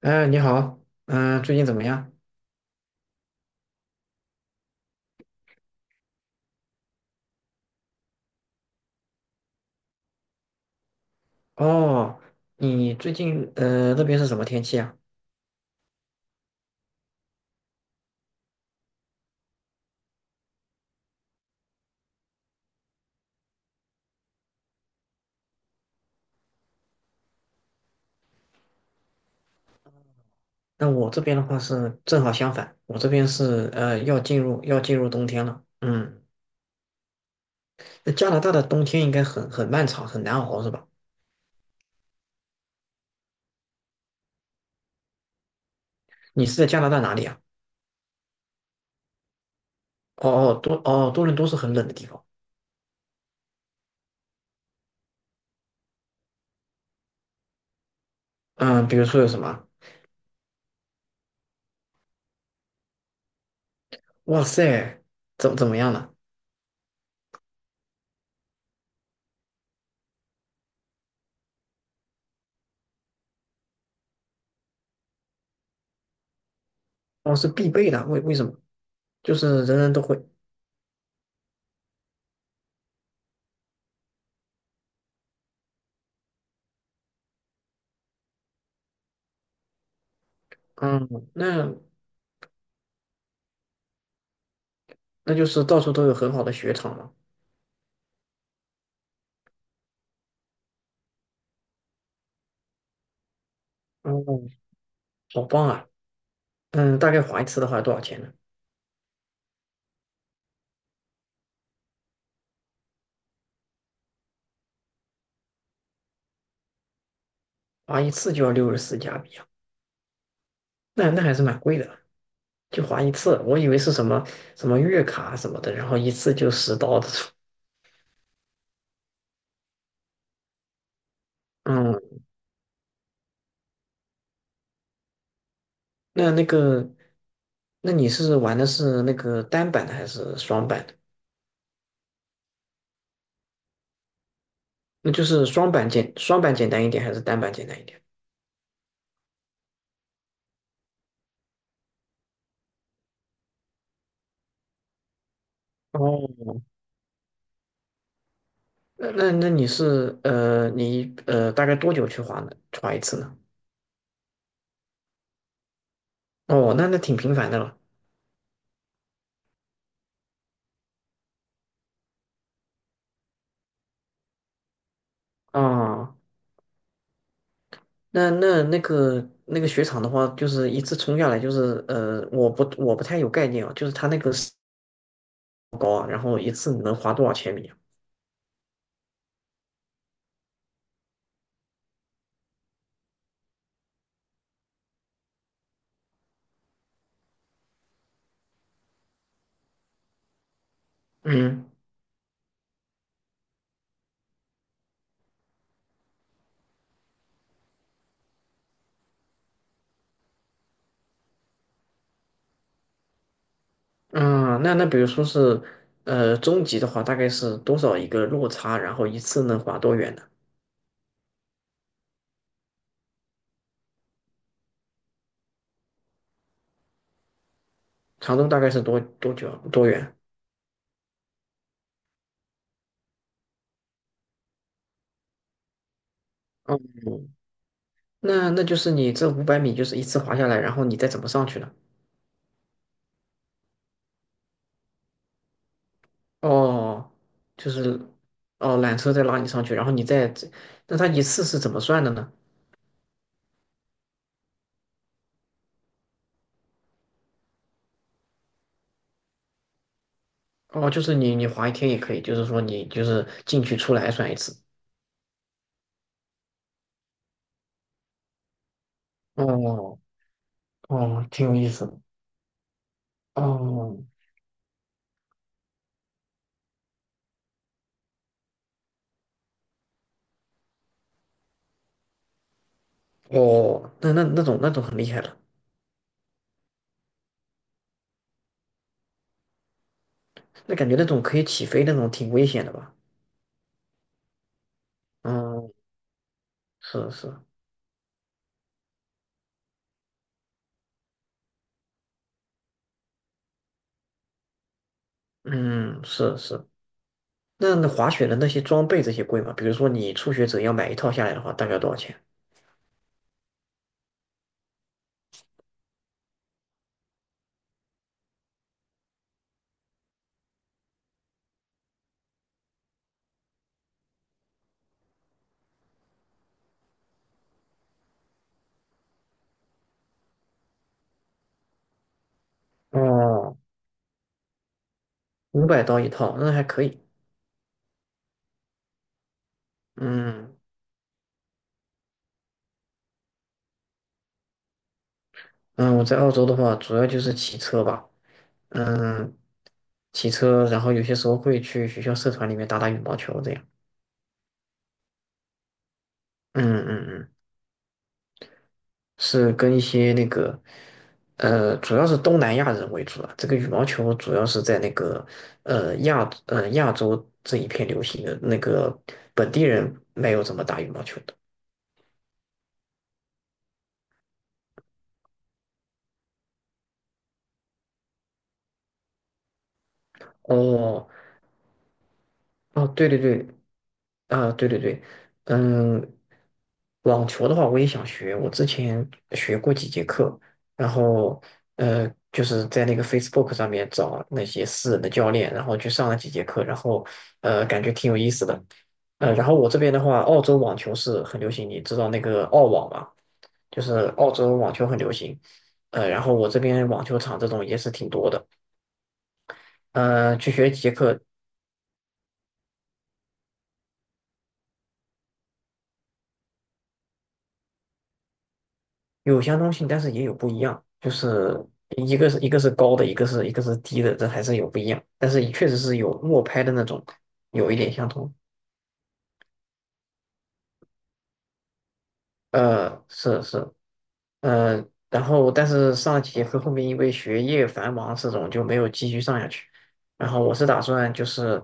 哎，你好，最近怎么样？哦，你最近那边是什么天气啊？那我这边的话是正好相反，我这边是要进入冬天了。嗯，那加拿大的冬天应该很漫长，很难熬是吧？你是在加拿大哪里啊？哦哦，多伦多是很冷的地方。嗯，比如说有什么？哇塞，怎么样呢？哦，是必备的，为什么？就是人人都会。嗯，那那就是到处都有很好的雪场嘛。哦，好棒啊！大概划一次的话多少钱呢？划一次就要64加币啊，那还是蛮贵的，就划一次。我以为是什么什么月卡什么的，然后一次就十刀的。嗯，那那个，那你是玩的是那个单板的还是双板的？那就是双板简单一点还是单板简单一点？哦，那你大概多久去划呢？划一次呢？哦，那挺频繁的了。哦，那个雪场的话，就是一次冲下来，就是我不太有概念啊，就是它那个是多高啊，然后一次能滑多少千米啊？嗯啊那比如说是中级的话，大概是多少一个落差，然后一次能滑多远呢？长度大概是多远？哦，那就是你这500米就是一次滑下来，然后你再怎么上去呢？哦，就是哦缆车再拉你上去，然后你再，那它一次是怎么算的呢？哦，就是你滑一天也可以，就是说你就是进去出来算一次。哦哦，挺有意思的。哦哦，那种很厉害了，那感觉那种可以起飞那种挺危险的吧？嗯，是是，嗯是是。那滑雪的那些装备这些贵吗？比如说你初学者要买一套下来的话，大概多少钱？哦，500刀一套，那还可以。嗯嗯，我在澳洲的话，主要就是骑车吧。嗯，骑车，然后有些时候会去学校社团里面打打羽毛球这样。嗯嗯嗯，是跟一些那个，主要是东南亚人为主啊。这个羽毛球主要是在那个亚洲这一片流行的，那个本地人没有怎么打羽毛球的。哦哦，对对对，啊，对对对，嗯，网球的话我也想学，我之前学过几节课，然后就是在那个 Facebook 上面找那些私人的教练，然后去上了几节课，然后感觉挺有意思的。然后我这边的话，澳洲网球是很流行，你知道那个澳网吗？就是澳洲网球很流行，然后我这边网球场这种也是挺多的，去学几节课，有相通性，但是也有不一样，就是一个是高的，一个是低的，这还是有不一样，但是确实是有默拍的那种有一点相通。是是，然后但是上几节课后面因为学业繁忙这种就没有继续上下去。然后我是打算就是，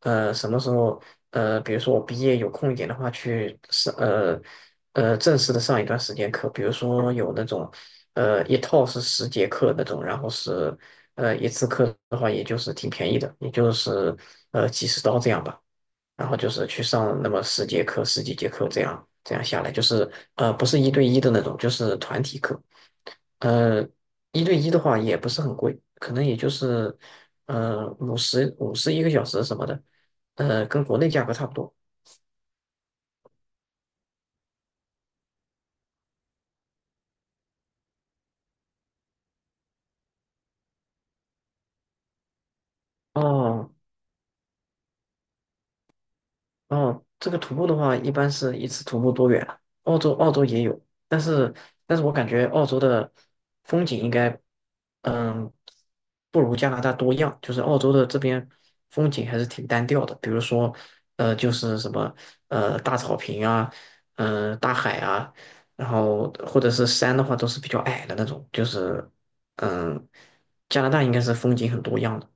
什么时候比如说我毕业有空一点的话，正式的上一段时间课，比如说有那种一套是十节课那种，然后是一次课的话，也就是挺便宜的，也就是几十刀这样吧。然后就是去上那么十节课、十几节课这样，这样下来就是不是一对一的那种，就是团体课。呃，一对一的话也不是很贵，可能也就是五十一个小时什么的，跟国内价格差不多。哦，哦，这个徒步的话，一般是一次徒步多远啊？澳洲也有，但是我感觉澳洲的风景应该，嗯，不如加拿大多样。就是澳洲的这边风景还是挺单调的，比如说，就是什么大草坪啊，大海啊，然后或者是山的话，都是比较矮的那种。就是嗯，加拿大应该是风景很多样的。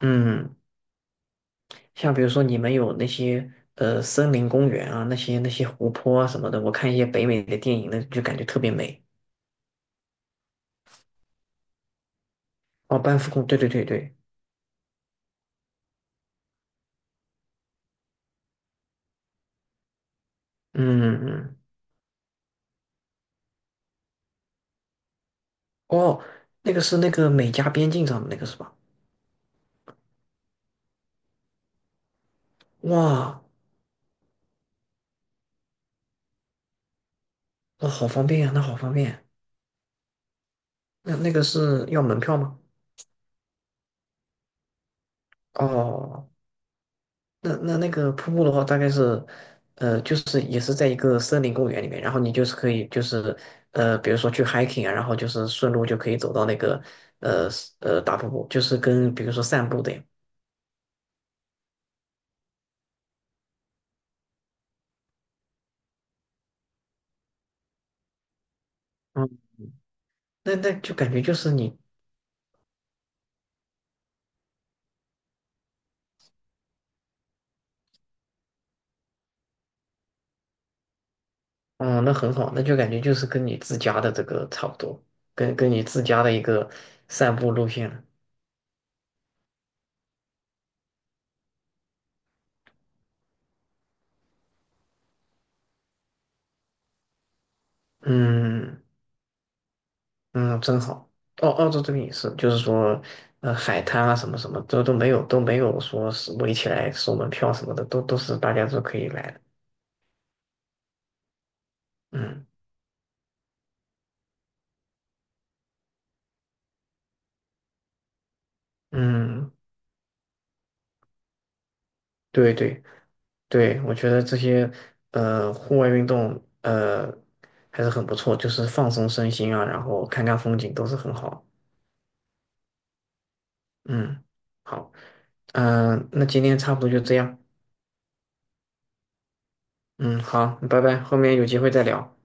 嗯，像比如说你们有那些森林公园啊，那些湖泊啊什么的，我看一些北美的电影那就感觉特别美。哦，班夫公，对对对对，嗯嗯，哦，那个是那个美加边境上的那个是吧？哇，那好方便呀，那好方便。那个是要门票吗？哦那个瀑布的话，大概是，就是也是在一个森林公园里面，然后你就是可以就是，比如说去 hiking 啊，然后就是顺路就可以走到那个，呃大瀑布，就是跟比如说散步的呀，嗯，那就感觉就是你，哦、那很好，那就感觉就是跟你自家的这个差不多，跟你自家的一个散步路线了嗯。嗯，真好。澳洲这边也是，就是说，海滩啊，什么什么，都没有，没有说是围起来收门票什么的，都是大家都可以来的。嗯嗯，对对对，我觉得这些户外运动还是很不错，就是放松身心啊，然后看看风景都是很好。嗯，好，那今天差不多就这样。嗯，好，拜拜，后面有机会再聊。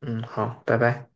嗯，好，拜拜。